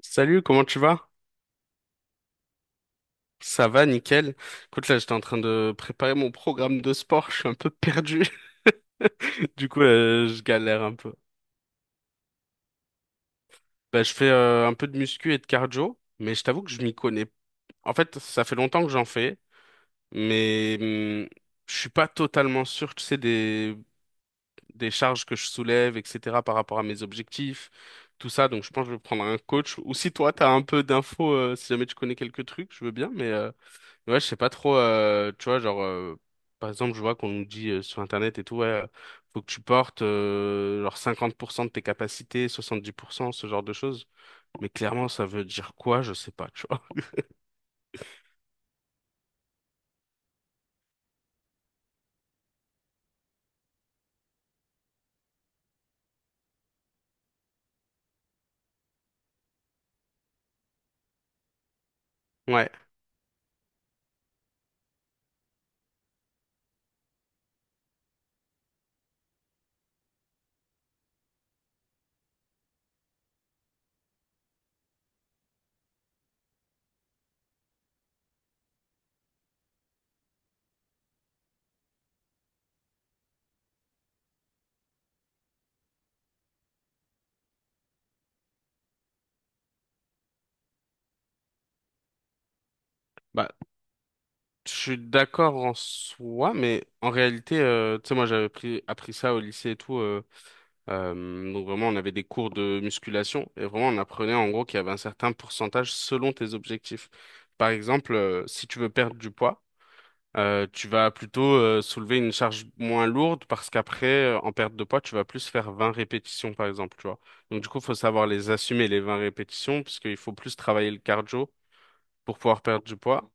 Salut, comment tu vas? Ça va, nickel. Écoute, là, j'étais en train de préparer mon programme de sport, je suis un peu perdu. Du coup, je galère un peu. Bah, je fais un peu de muscu et de cardio, mais je t'avoue que je m'y connais. En fait, ça fait longtemps que j'en fais, mais je suis pas totalement sûr, tu sais, des charges que je soulève, etc., par rapport à mes objectifs, tout ça. Donc, je pense que je vais prendre un coach. Ou si toi, t'as un peu d'infos, si jamais tu connais quelques trucs, je veux bien, mais ouais, je sais pas trop, tu vois, genre, par exemple, je vois qu'on nous dit sur Internet et tout, ouais, faut que tu portes genre 50% de tes capacités, 70%, ce genre de choses. Mais clairement, ça veut dire quoi? Je sais pas, tu vois. Ouais, bah, je suis d'accord en soi, mais en réalité, tu sais, moi, appris ça au lycée et tout. Donc vraiment, on avait des cours de musculation et vraiment, on apprenait en gros qu'il y avait un certain pourcentage selon tes objectifs. Par exemple, si tu veux perdre du poids, tu vas plutôt soulever une charge moins lourde parce qu'après, en perte de poids, tu vas plus faire 20 répétitions, par exemple, tu vois. Donc, du coup, il faut savoir les assumer, les 20 répétitions, parce qu'il faut plus travailler le cardio pour pouvoir perdre du poids.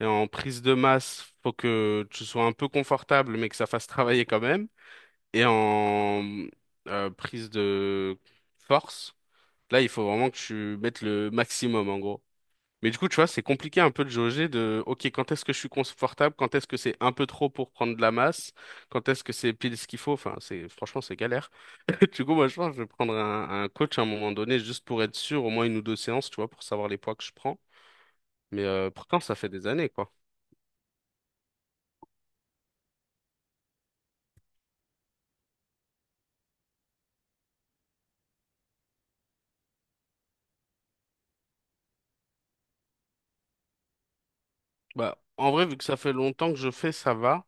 Et en prise de masse, faut que tu sois un peu confortable, mais que ça fasse travailler quand même. Et en prise de force, là, il faut vraiment que tu mettes le maximum, en gros. Mais du coup, tu vois, c'est compliqué un peu de jauger de, OK, quand est-ce que je suis confortable, quand est-ce que c'est un peu trop pour prendre de la masse, quand est-ce que c'est pile ce qu'il faut. Enfin, franchement, c'est galère. Du coup, moi, je pense que je vais prendre un coach à un moment donné, juste pour être sûr, au moins une ou deux séances, tu vois, pour savoir les poids que je prends. Mais pourtant, ça fait des années, quoi. Bah, en vrai, vu que ça fait longtemps que je fais, ça va.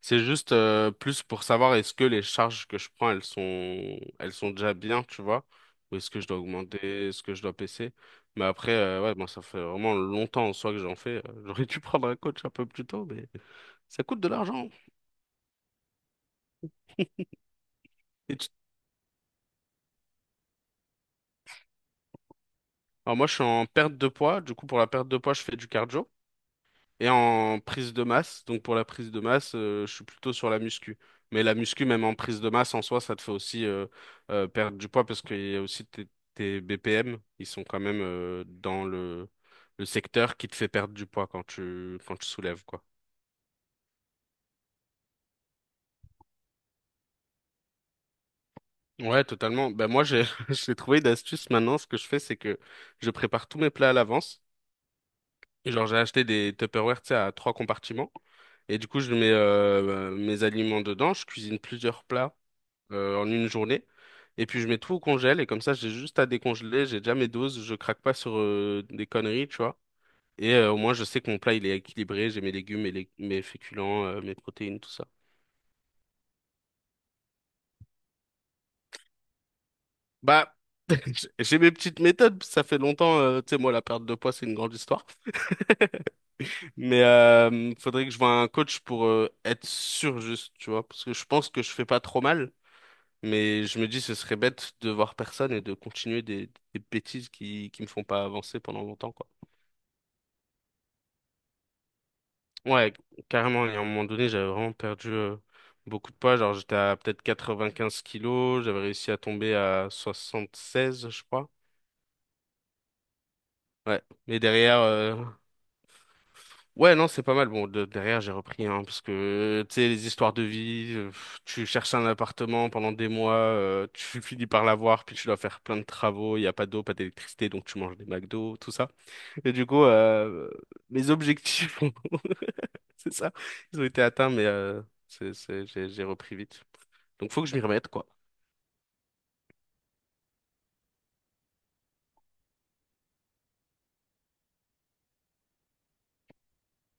C'est juste plus pour savoir est-ce que les charges que je prends, elles sont déjà bien, tu vois, ou est-ce que je dois augmenter, est-ce que je dois baisser. Mais après, ouais, moi, ça fait vraiment longtemps en soi que j'en fais. J'aurais dû prendre un coach un peu plus tôt, mais ça coûte de l'argent. Et tu- Alors moi, je suis en perte de poids. Du coup, pour la perte de poids, je fais du cardio. Et en prise de masse, donc pour la prise de masse, je suis plutôt sur la muscu. Mais la muscu, même en prise de masse en soi, ça te fait aussi perdre du poids parce qu'il y a aussi tes BPM, ils sont quand même dans le secteur qui te fait perdre du poids quand quand tu soulèves, quoi. Ouais, totalement. Ben moi, j'ai j'ai trouvé une astuce maintenant. Ce que je fais, c'est que je prépare tous mes plats à l'avance. Et genre, j'ai acheté des Tupperware, tu sais, à trois compartiments. Et du coup, je mets mes aliments dedans. Je cuisine plusieurs plats en une journée. Et puis je mets tout au congèle et comme ça j'ai juste à décongeler, j'ai déjà mes doses, je craque pas sur des conneries, tu vois. Et au moins je sais que mon plat il est équilibré, j'ai mes légumes, mes féculents, mes protéines, tout ça. Bah, j'ai mes petites méthodes, ça fait longtemps, tu sais, moi la perte de poids c'est une grande histoire. Mais faudrait que je voie un coach pour être sûr juste, tu vois, parce que je pense que je fais pas trop mal. Mais je me dis, ce serait bête de voir personne et de continuer des bêtises qui me font pas avancer pendant longtemps, quoi. Ouais, carrément. Et à un moment donné, j'avais vraiment perdu beaucoup de poids. Genre, j'étais à peut-être 95 kilos. J'avais réussi à tomber à 76, je crois. Ouais. Mais derrière, ouais, non, c'est pas mal. Bon, derrière, j'ai repris, hein, parce que, tu sais, les histoires de vie, pff, tu cherches un appartement pendant des mois, tu finis par l'avoir, puis tu dois faire plein de travaux. Il n'y a pas d'eau, pas d'électricité, donc tu manges des McDo, tout ça. Et du coup, mes objectifs c'est ça. Ils ont été atteints, mais j'ai repris vite. Donc faut que je m'y remette, quoi.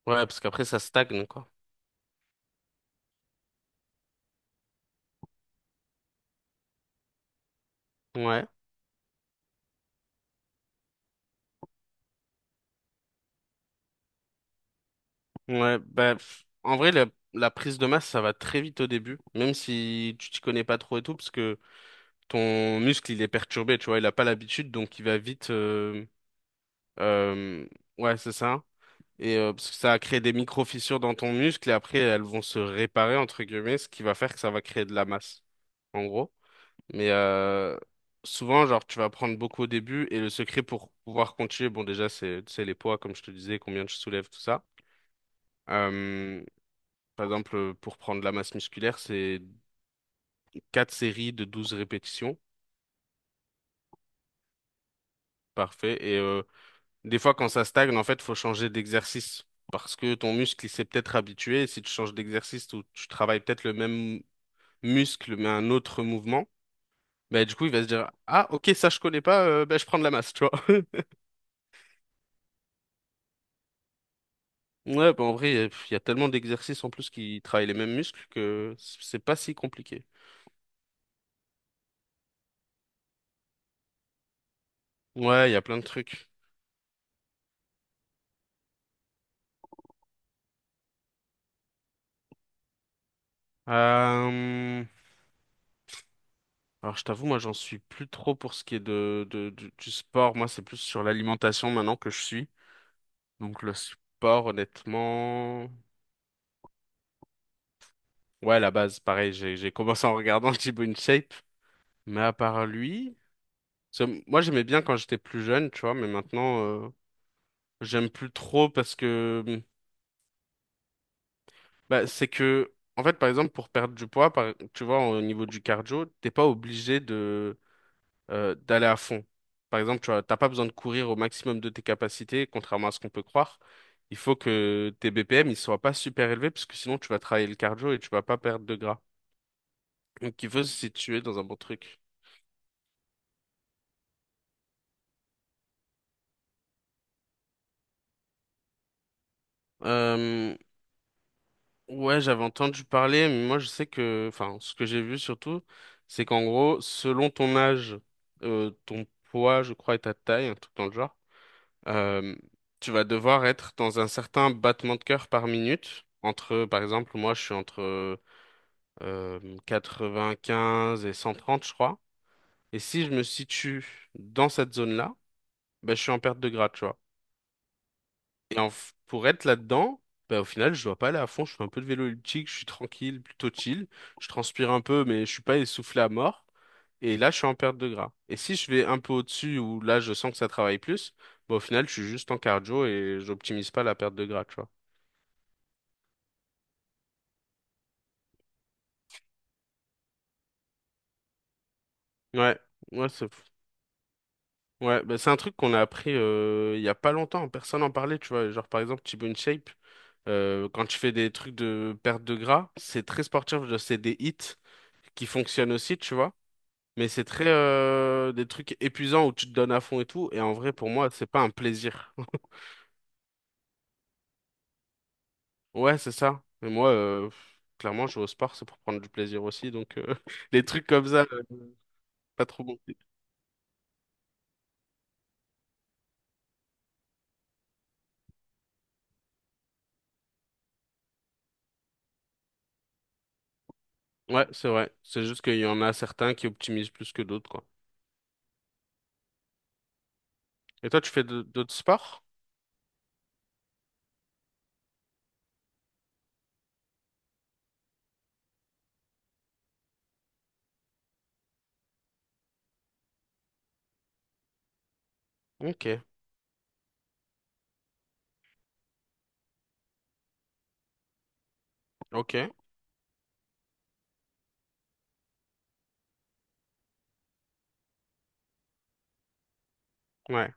Ouais, parce qu'après ça stagne, quoi. Ouais, ouais. Bah, pff, en vrai, la prise de masse, ça va très vite au début, même si tu t'y connais pas trop et tout, parce que ton muscle, il est perturbé, tu vois, il a pas l'habitude, donc il va vite. Euh, ouais, c'est ça. Et parce que ça a créé des micro-fissures dans ton muscle, et après, elles vont se réparer, entre guillemets, ce qui va faire que ça va créer de la masse, en gros. Mais souvent, genre, tu vas prendre beaucoup au début et le secret pour pouvoir continuer, bon, déjà, c'est les poids, comme je te disais, combien tu soulèves, tout ça. Euh, par exemple, pour prendre de la masse musculaire, c'est 4 séries de 12 répétitions. Parfait. Et des fois, quand ça stagne, en fait, faut changer d'exercice parce que ton muscle, il s'est peut-être habitué. Et si tu changes d'exercice ou tu travailles peut-être le même muscle, mais un autre mouvement, bah, du coup, il va se dire, ah, ok, ça, je connais pas, bah, je prends de la masse, tu vois. Ouais, bah en vrai, il y a tellement d'exercices en plus qui travaillent les mêmes muscles que c'est pas si compliqué. Ouais, il y a plein de trucs. Euh, Alors, je t'avoue, moi, j'en suis plus trop pour ce qui est du sport. Moi, c'est plus sur l'alimentation maintenant que je suis. Donc, le sport, honnêtement... Ouais, la base, pareil, j'ai commencé en regardant Thibaut InShape. Mais à part lui... parce que moi, j'aimais bien quand j'étais plus jeune, tu vois, mais maintenant, j'aime plus trop parce que... bah, c'est que, en fait, par exemple, pour perdre du poids, tu vois, au niveau du cardio, t'es pas obligé de d'aller à fond. Par exemple, tu vois, t'as pas besoin de courir au maximum de tes capacités, contrairement à ce qu'on peut croire. Il faut que tes BPM ils soient pas super élevés, parce que sinon tu vas travailler le cardio et tu vas pas perdre de gras. Donc il faut se situer dans un bon truc. Euh, ouais, j'avais entendu parler, mais moi je sais que, enfin, ce que j'ai vu surtout, c'est qu'en gros, selon ton âge, ton poids, je crois, et ta taille, un truc dans le genre. Euh, tu vas devoir être dans un certain battement de cœur par minute. Entre, par exemple, moi, je suis entre 95 et 130, je crois. Et si je me situe dans cette zone-là, ben, je suis en perte de gras, tu vois. Et pour être là-dedans, ben, au final, je dois pas aller à fond. Je fais un peu de vélo elliptique, je suis tranquille, plutôt chill. Je transpire un peu, mais je suis pas essoufflé à mort. Et là, je suis en perte de gras. Et si je vais un peu au-dessus, où là, je sens que ça travaille plus, bah, au final, je suis juste en cardio et j'optimise pas la perte de gras, tu Ouais, ouais, c'est fou. Ouais, bah, c'est un truc qu'on a appris il y a pas longtemps, personne n'en parlait, tu vois. Genre par exemple, T-Bone Shape, quand tu fais des trucs de perte de gras, c'est très sportif, genre, c'est des hits qui fonctionnent aussi, tu vois. Mais c'est très des trucs épuisants où tu te donnes à fond et tout. Et en vrai, pour moi, c'est pas un plaisir. Ouais, c'est ça. Mais moi, pff, clairement, je vais au sport, c'est pour prendre du plaisir aussi. Donc les trucs comme ça, pas trop bon. Ouais, c'est vrai. C'est juste qu'il y en a certains qui optimisent plus que d'autres, quoi. Et toi, tu fais d'autres sports? Ok, ok, ouais.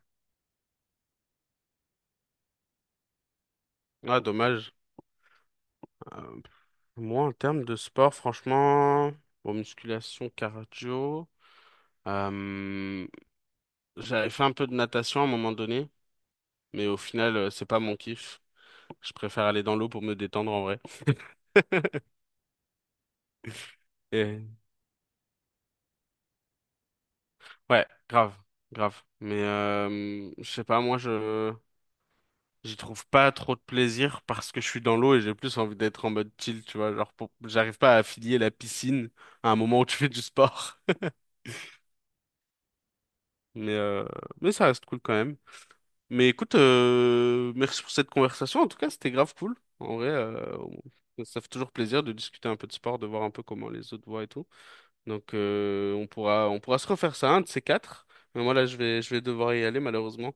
Ah, dommage. Euh, moi, en termes de sport, franchement, bon, musculation, cardio, euh, j'avais fait un peu de natation à un moment donné, mais au final, c'est pas mon kiff. Je préfère aller dans l'eau pour me détendre en vrai. Et- ouais, grave, grave. Mais je sais pas, moi, je j'y trouve pas trop de plaisir parce que je suis dans l'eau et j'ai plus envie d'être en mode chill, tu vois. Genre, j'arrive pas à affilier la piscine à un moment où tu fais du sport. Mais, euh, mais ça reste cool quand même. Mais écoute, merci pour cette conversation. En tout cas, c'était grave cool. En vrai, on- ça fait toujours plaisir de discuter un peu de sport, de voir un peu comment les autres voient et tout. Donc, on pourra se refaire ça, un de ces quatre. Mais moi, là, je vais devoir y aller, malheureusement.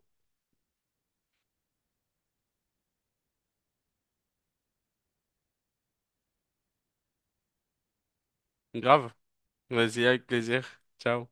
Grave. Vas-y, avec plaisir. Ciao.